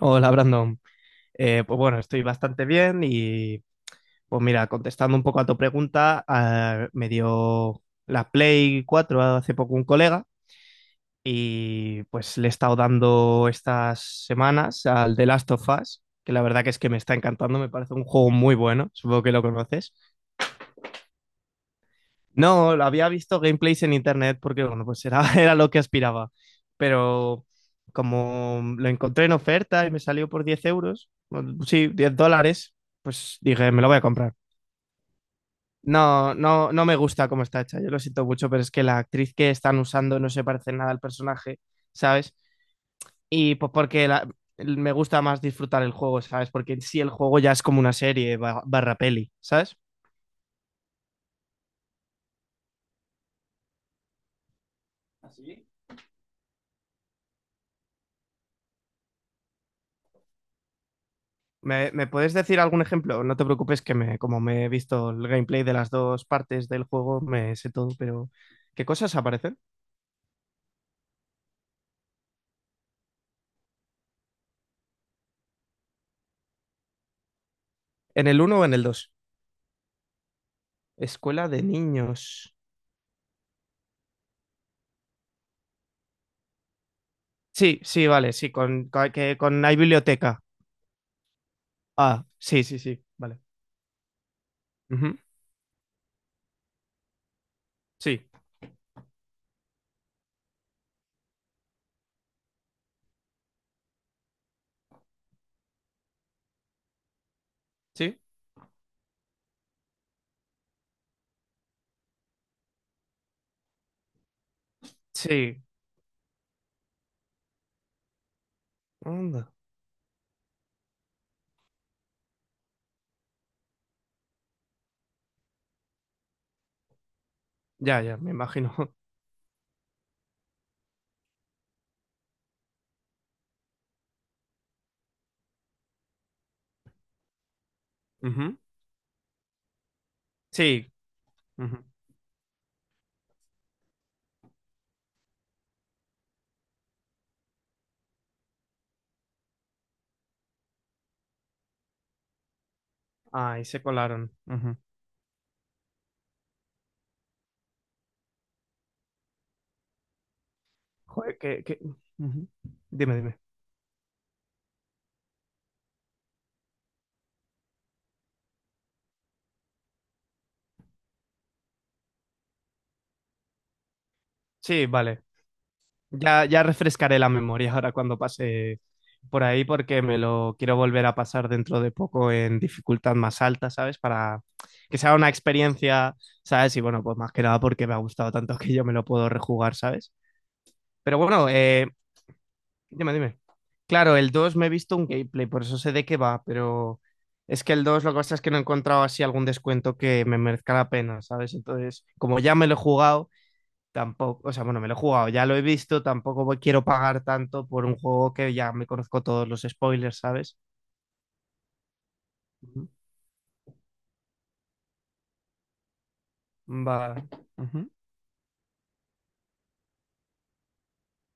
Hola Brandon. Pues bueno, estoy bastante bien y pues mira, contestando un poco a tu pregunta, me dio la Play 4 hace poco un colega y pues le he estado dando estas semanas al The Last of Us, que la verdad que es que me está encantando, me parece un juego muy bueno, supongo que lo conoces. No, lo había visto gameplays en internet porque, bueno, pues era, era lo que aspiraba. Pero como lo encontré en oferta y me salió por 10 euros, bueno, sí, 10 dólares, pues dije, me lo voy a comprar. No, no, no me gusta cómo está hecha, yo lo siento mucho, pero es que la actriz que están usando no se parece nada al personaje, ¿sabes? Y pues me gusta más disfrutar el juego, ¿sabes? Porque en sí el juego ya es como una serie barra peli, ¿sabes? ¿Me puedes decir algún ejemplo? No te preocupes que me, como me he visto el gameplay de las dos partes del juego, me sé todo, pero ¿qué cosas aparecen? ¿En el uno o en el dos? Escuela de niños. Sí, sí, vale, sí, con hay biblioteca. Ah, sí, sí, sí, vale. Ujú. Sí, sí, sí. Anda. Ya, ya, me imagino. Ujú. Sí. Ujú. Ah, y se colaron. Ujú. Joder, que, que- ujú. Dime, dime. Sí, vale. Ya, ya refrescaré la memoria ahora cuando pase por ahí porque me lo quiero volver a pasar dentro de poco en dificultad más alta, ¿sabes? Para que sea una experiencia, ¿sabes? Y bueno, pues más que nada porque me ha gustado tanto que yo me lo puedo rejugar, ¿sabes? Pero bueno, dime, dime. Claro, el 2 me he visto un gameplay, por eso sé de qué va, pero es que el 2 lo que pasa es que no he encontrado así algún descuento que me merezca la pena, ¿sabes? Entonces, como ya me lo he jugado tampoco, o sea, bueno, me lo he jugado, ya lo he visto, tampoco voy- quiero pagar tanto por un juego que ya me conozco todos los spoilers, ¿sabes? Ujú. Va. Ujú.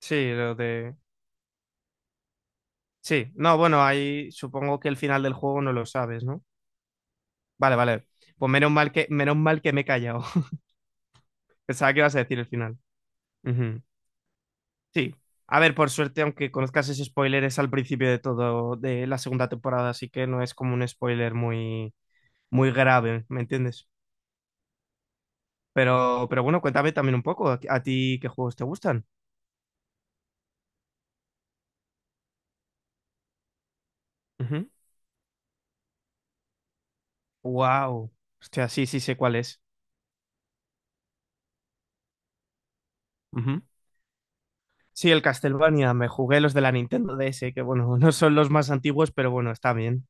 Sí, lo de... Sí, no, bueno, ahí supongo que el final del juego no lo sabes, ¿no? Vale, vale. Pues menos mal que me he callado. Pensaba que ibas a decir el final. Ujú. Sí. A ver, por suerte, aunque conozcas ese spoiler, es al principio de todo, de la segunda temporada, así que no es como un spoiler muy, muy grave, ¿me entiendes? Pero bueno, cuéntame también un poco, ¿a ti qué juegos te gustan? Wow. Hostia, sí, sí sé cuál es. Ujú. Sí, el Castlevania, me jugué los de la Nintendo DS, que bueno, no son los más antiguos, pero bueno, está bien.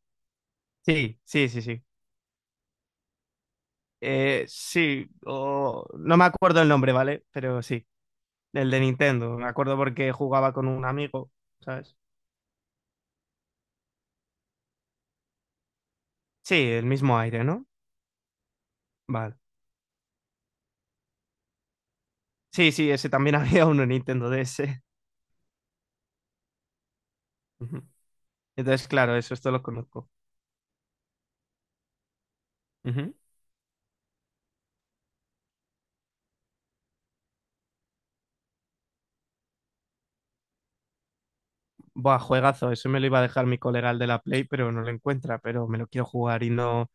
Sí, sí, sí, sí. Sí, no me acuerdo el nombre, ¿vale? Pero sí, el de Nintendo, me acuerdo porque jugaba con un amigo, ¿sabes? Sí, el mismo aire, ¿no? Vale. Sí, sí, ese también había uno en Nintendo DS. Ujú. Entonces, claro, eso, esto lo conozco. Ujú. Buah, juegazo, ese me lo iba a dejar mi colega el de la Play, pero no lo encuentra, pero me lo quiero jugar y no...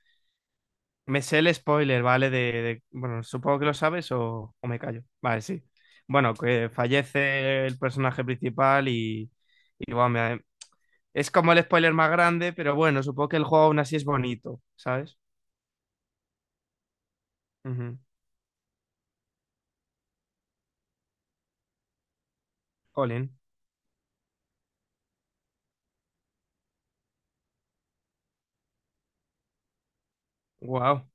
Me sé el spoiler, ¿vale? Bueno, supongo que lo sabes o me callo. Vale, sí. Bueno, que fallece el personaje principal y buah, es como el spoiler más grande, pero bueno, supongo que el juego aún así es bonito, ¿sabes? Ujú. Colin. Wow.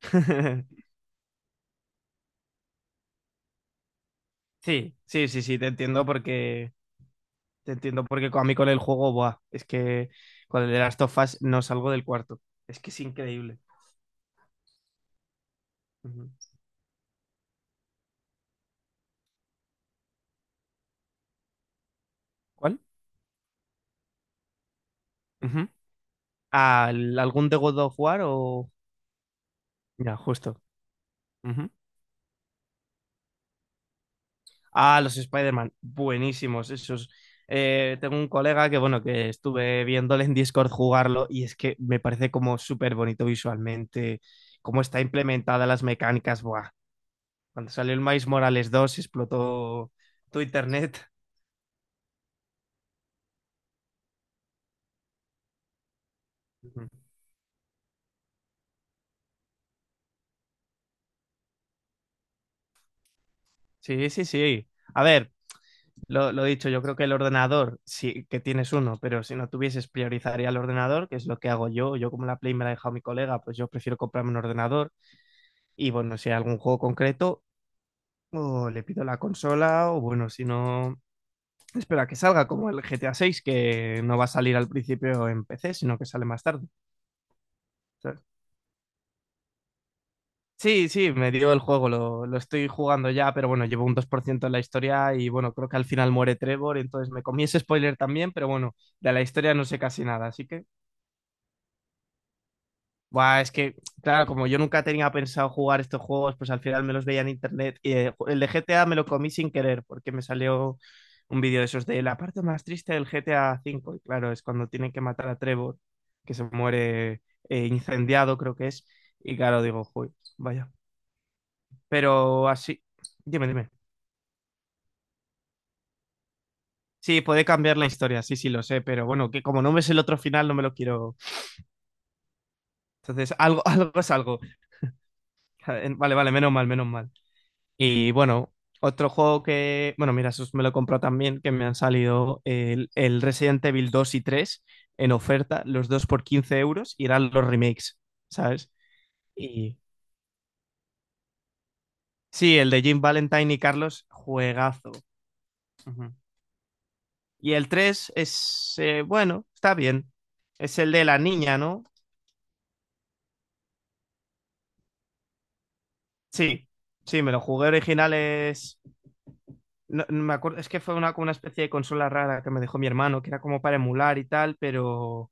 Sí, sí, sí, sí, te entiendo porque... Te entiendo, porque a mí con el juego, buah, es que con el de Last of Us no salgo del cuarto. Es que es increíble. Ujú. ¿Cuál? Ujú. Algún de God of War o...? Ya, justo. Ujú. Ah, los Spider-Man. Buenísimos esos. Tengo un colega que, bueno, que estuve viéndole en Discord jugarlo y es que me parece como súper bonito visualmente, cómo está implementada las mecánicas. Buah. Cuando salió el Miles Morales 2 explotó tu internet. Ujú. Sí, sí, sí. A ver, lo dicho, yo creo que el ordenador, sí que tienes uno, pero si no tuvieses, priorizaría el ordenador, que es lo que hago yo. Yo como la Play me la ha dejado mi colega, pues yo prefiero comprarme un ordenador. Y bueno, si hay algún juego concreto, o le pido la consola, o bueno, si no, espera que salga como el GTA 6, que no va a salir al principio en PC, sino que sale más tarde. ¿Sabes? Sí, sí, me dio el juego, lo estoy jugando ya, pero bueno, llevo un 2 por ciento en la historia y bueno, creo que al final muere Trevor, entonces me comí ese spoiler también, pero bueno, de la historia no sé casi nada, así que... Buah, es que, claro, como yo nunca tenía pensado jugar estos juegos, pues al final me los veía en internet. Y el de GTA me lo comí sin querer, porque me salió un vídeo de esos de la parte más triste del GTA V. Y claro, es cuando tienen que matar a Trevor, que se muere incendiado, creo que es. Y claro, digo, "Joder, vaya." Pero así, dime, dime. Sí, puede cambiar la historia, sí, sí, lo sé, pero bueno, que como no ves el otro final, no me lo quiero. Entonces, algo, algo es algo. Vale, vale, menos mal, menos mal. Y bueno, otro juego que, bueno, mira, esos me lo compró también, que me han salido el Resident Evil 2 y 3 en oferta, los dos por 15 euros, y eran los remakes, ¿sabes? Y sí, el de Jim Valentine y Carlos, juegazo. Ujú. Y el 3 es, bueno, está bien. Es el de la niña, ¿no? Sí, sí, me lo jugué original, es... No, no me acuerdo, es que fue una, como una especie de consola rara que me dejó mi hermano, que era como para emular y tal,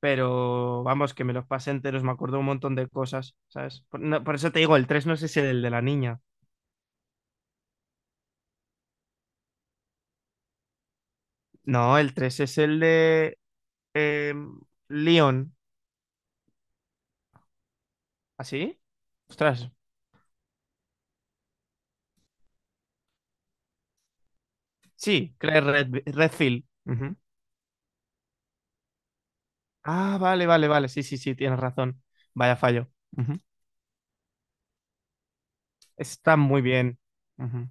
pero vamos, que me los pasé enteros, me acuerdo un montón de cosas, ¿sabes? Por, no- por eso te digo, el tres no sé si es el de la niña. No, el 3 es el de eh, Leon. ¿Así? Ostras, sí, Redfield. Ujú. Ah, vale, vale, vale, sí, sí, sí, tienes razón. Vaya fallo. Ujú. Está muy bien. Ujú.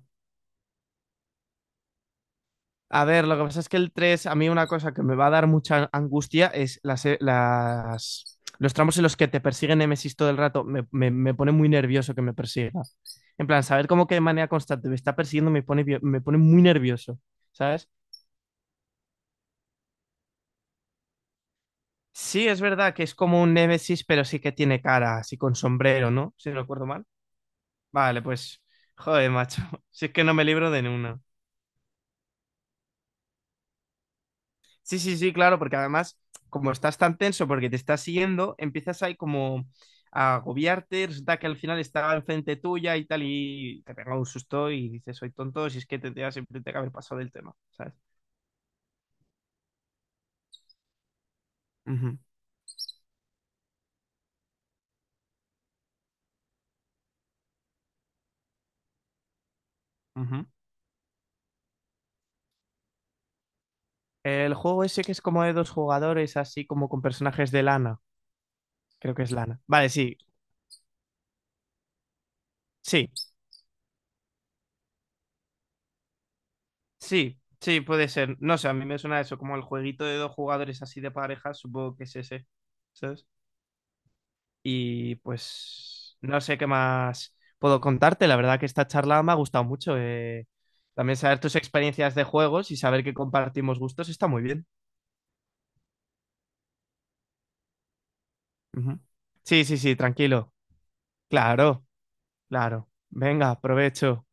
A ver, lo que pasa es que el 3, a mí una cosa que me va a dar mucha angustia es las, los tramos en los que te persigue Nemesis todo el rato. Me pone muy nervioso que me persiga. En plan, saber cómo que de manera constante me está persiguiendo me pone, me pone muy nervioso, ¿sabes? Sí, es verdad que es como un Nemesis, pero sí que tiene cara, así con sombrero, ¿no? Si no recuerdo mal. Vale, pues, joder, macho. Si es que no me libro de ninguna. Sí, sí, sí, claro, porque además, como estás tan tenso porque te estás siguiendo, empiezas ahí como a agobiarte, resulta que al final estaba enfrente tuya y tal, y te pega un susto y dices, soy tonto, si es que tendría siempre que haber pasado del tema, ¿sabes? Ujú, ujú. El juego ese que es como de dos jugadores, así como con personajes de lana, creo que es lana. Vale, sí, sí, sí, sí, puede ser. No sé, a mí me suena eso, como el jueguito de dos jugadores así de pareja, supongo que es ese, ¿sabes? Y pues no sé qué más puedo contarte. La verdad que esta charla me ha gustado mucho. También saber tus experiencias de juegos y saber que compartimos gustos está muy bien. Ujú. Sí, sí, sí, tranquilo. Claro, claro. Venga, provecho.